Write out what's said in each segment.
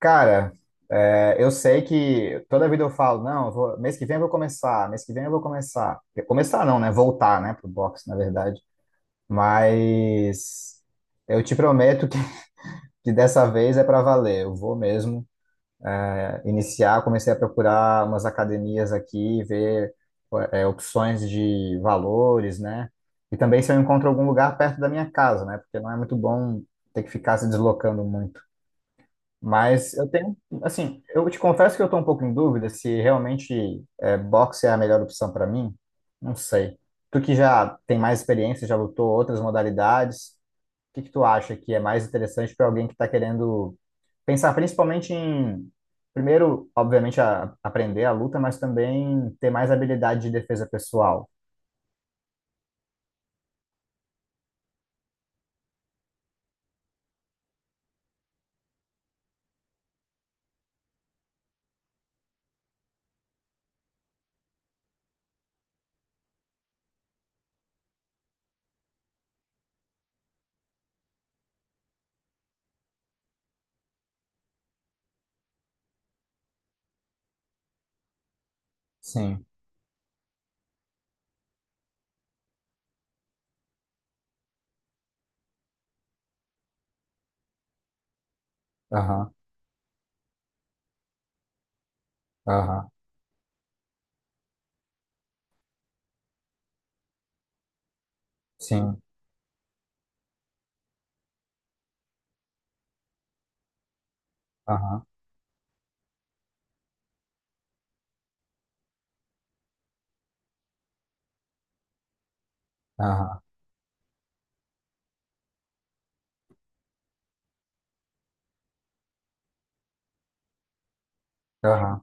Cara, eu sei que toda vida eu falo, não, mês que vem eu vou começar, mês que vem eu vou começar. Começar não, né? Voltar, né, pro boxe, na verdade. Mas eu te prometo que, que dessa vez é para valer. Eu vou mesmo iniciar. Comecei a procurar umas academias aqui, ver opções de valores, né? E também se eu encontro algum lugar perto da minha casa, né? Porque não é muito bom ter que ficar se deslocando muito. Mas eu tenho, assim, eu te confesso que eu estou um pouco em dúvida se realmente boxe é a melhor opção para mim. Não sei. Tu que já tem mais experiência, já lutou outras modalidades, o que que tu acha que é mais interessante para alguém que está querendo pensar principalmente em, primeiro, obviamente, aprender a luta, mas também ter mais habilidade de defesa pessoal? Sim, aham, aham, sim, aham, aham, aham,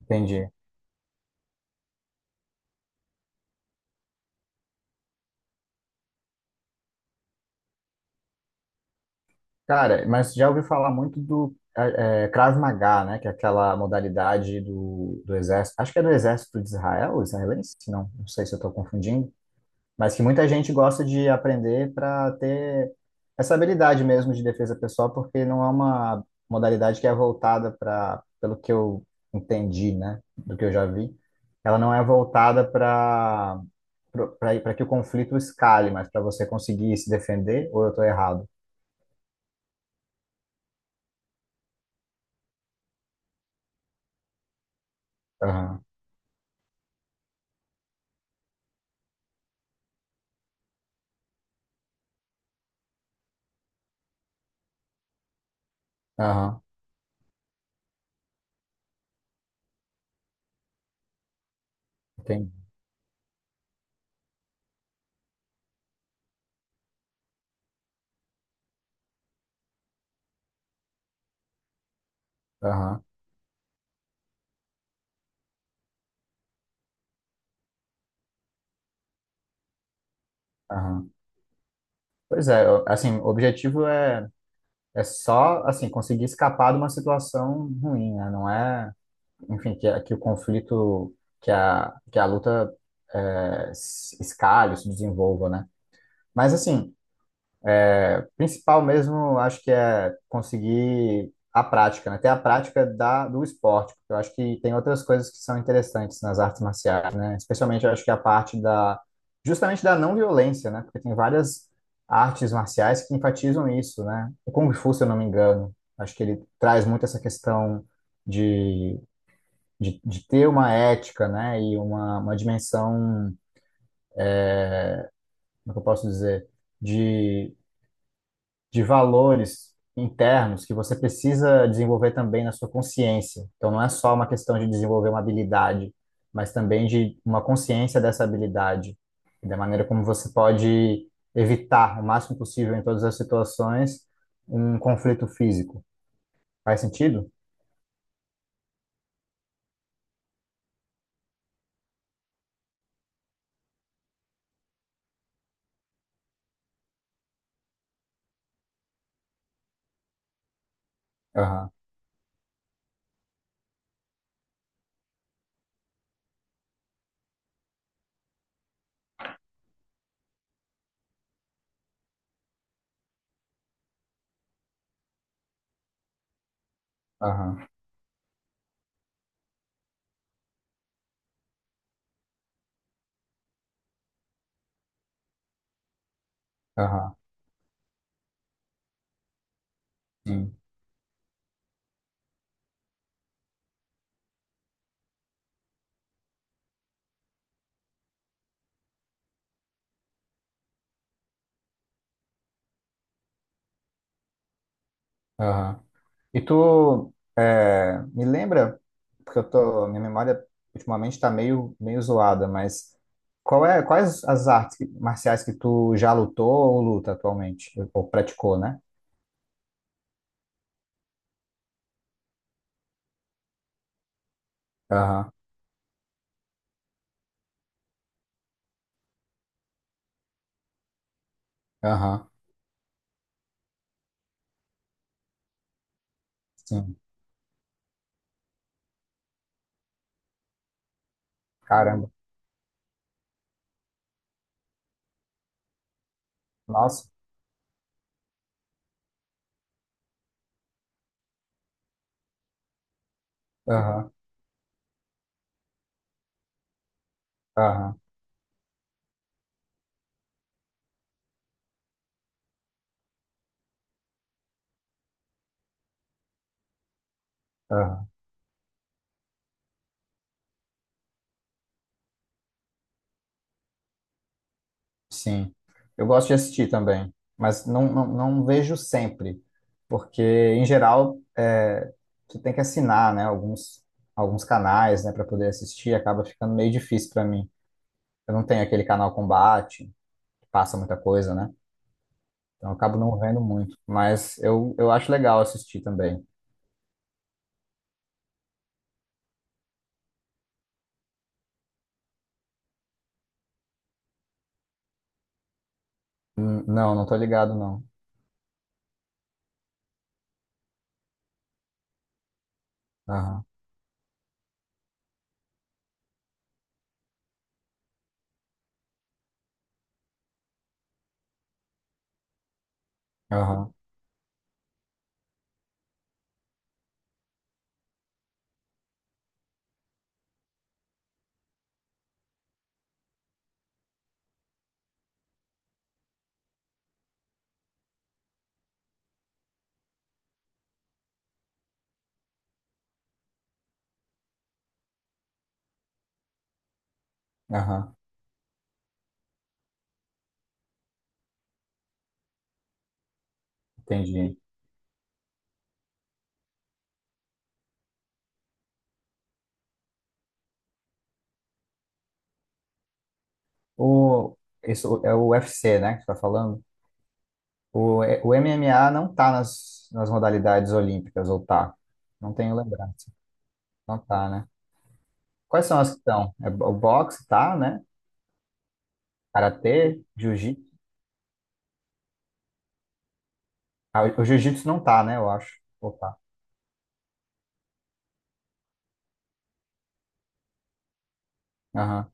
entendi. Cara, mas já ouvi falar muito do Krav Maga, né? Que é aquela modalidade do exército. Acho que é do exército de Israel, israelense? Não, não sei se eu estou confundindo. Mas que muita gente gosta de aprender para ter essa habilidade mesmo de defesa pessoal, porque não é uma modalidade que é voltada para, pelo que eu entendi, né? Do que eu já vi, ela não é voltada para que o conflito escale, mas para você conseguir se defender, ou eu estou errado? Aham, aham. Entendi. Aham, aham. Pois é, assim, o objetivo é só, assim, conseguir escapar de uma situação ruim, né? Não é, enfim, que o conflito, que a luta se escalhe, se desenvolva, né? Mas, assim, principal mesmo, acho que é conseguir a prática, né? Ter a prática da, do esporte, porque eu acho que tem outras coisas que são interessantes nas artes marciais, né? Especialmente eu acho que a parte da, justamente da não violência, né? Porque tem várias artes marciais que enfatizam isso, né? O Kung Fu, se eu não me engano, acho que ele traz muito essa questão de, de ter uma ética, né? E uma dimensão, como é que eu posso dizer? De valores internos que você precisa desenvolver também na sua consciência. Então, não é só uma questão de desenvolver uma habilidade, mas também de uma consciência dessa habilidade, e da maneira como você pode evitar o máximo possível em todas as situações um conflito físico. Faz sentido? Aham, aham, aham, sim, aham. E tu me lembra, porque eu tô, minha memória ultimamente está meio, meio zoada, mas qual é, quais as artes marciais que tu já lutou ou luta atualmente? Ou praticou, né? Aham, aham, sim. Caramba. Nossa. Aham, aham, aham. Sim, eu gosto de assistir também, mas não vejo sempre, porque em geral você tem que assinar, né, alguns canais, né, para poder assistir, acaba ficando meio difícil para mim. Eu não tenho aquele canal Combate, que passa muita coisa, né, então eu acabo não vendo muito, mas eu acho legal assistir também. Hum. Não, não tô ligado, não. Aham, aham, aham, entendi. O, isso é o UFC, né, que você tá falando? O MMA não tá nas modalidades olímpicas, ou tá? Não tenho lembrado. Não tá, né? Quais são as que estão? É, o boxe tá, né? Karatê, jiu-jitsu. Ah, o jiu-jitsu não tá, né? Eu acho. Ou tá. Aham.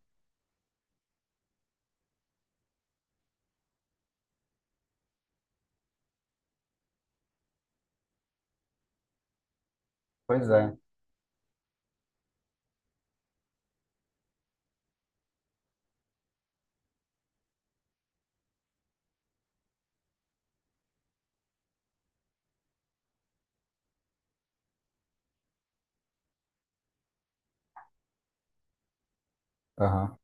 Pois é. Aham.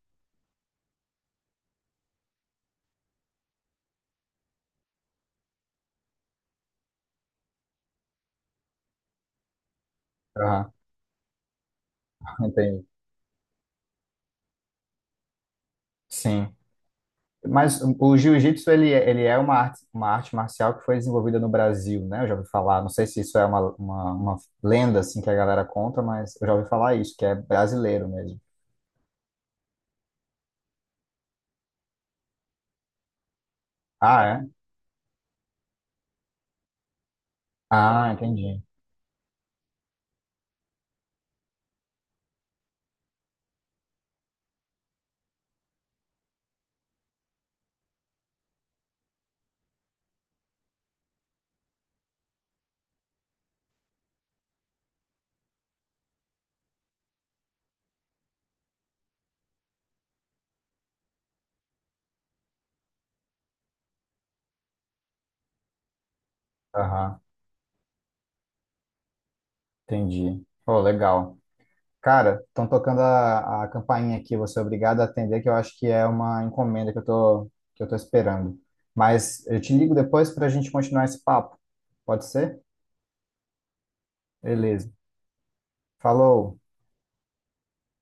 Aham. Entendi. Sim. Mas o jiu-jitsu, ele é uma arte marcial que foi desenvolvida no Brasil, né? Eu já ouvi falar. Não sei se isso é uma lenda, assim, que a galera conta, mas eu já ouvi falar isso, que é brasileiro mesmo. Ah, é? Ah, entendi. Aham, entendi. Oh, legal. Cara, estão tocando a campainha aqui, você é obrigado a atender, que eu acho que é uma encomenda que eu tô esperando. Mas eu te ligo depois para a gente continuar esse papo. Pode ser? Beleza. Falou.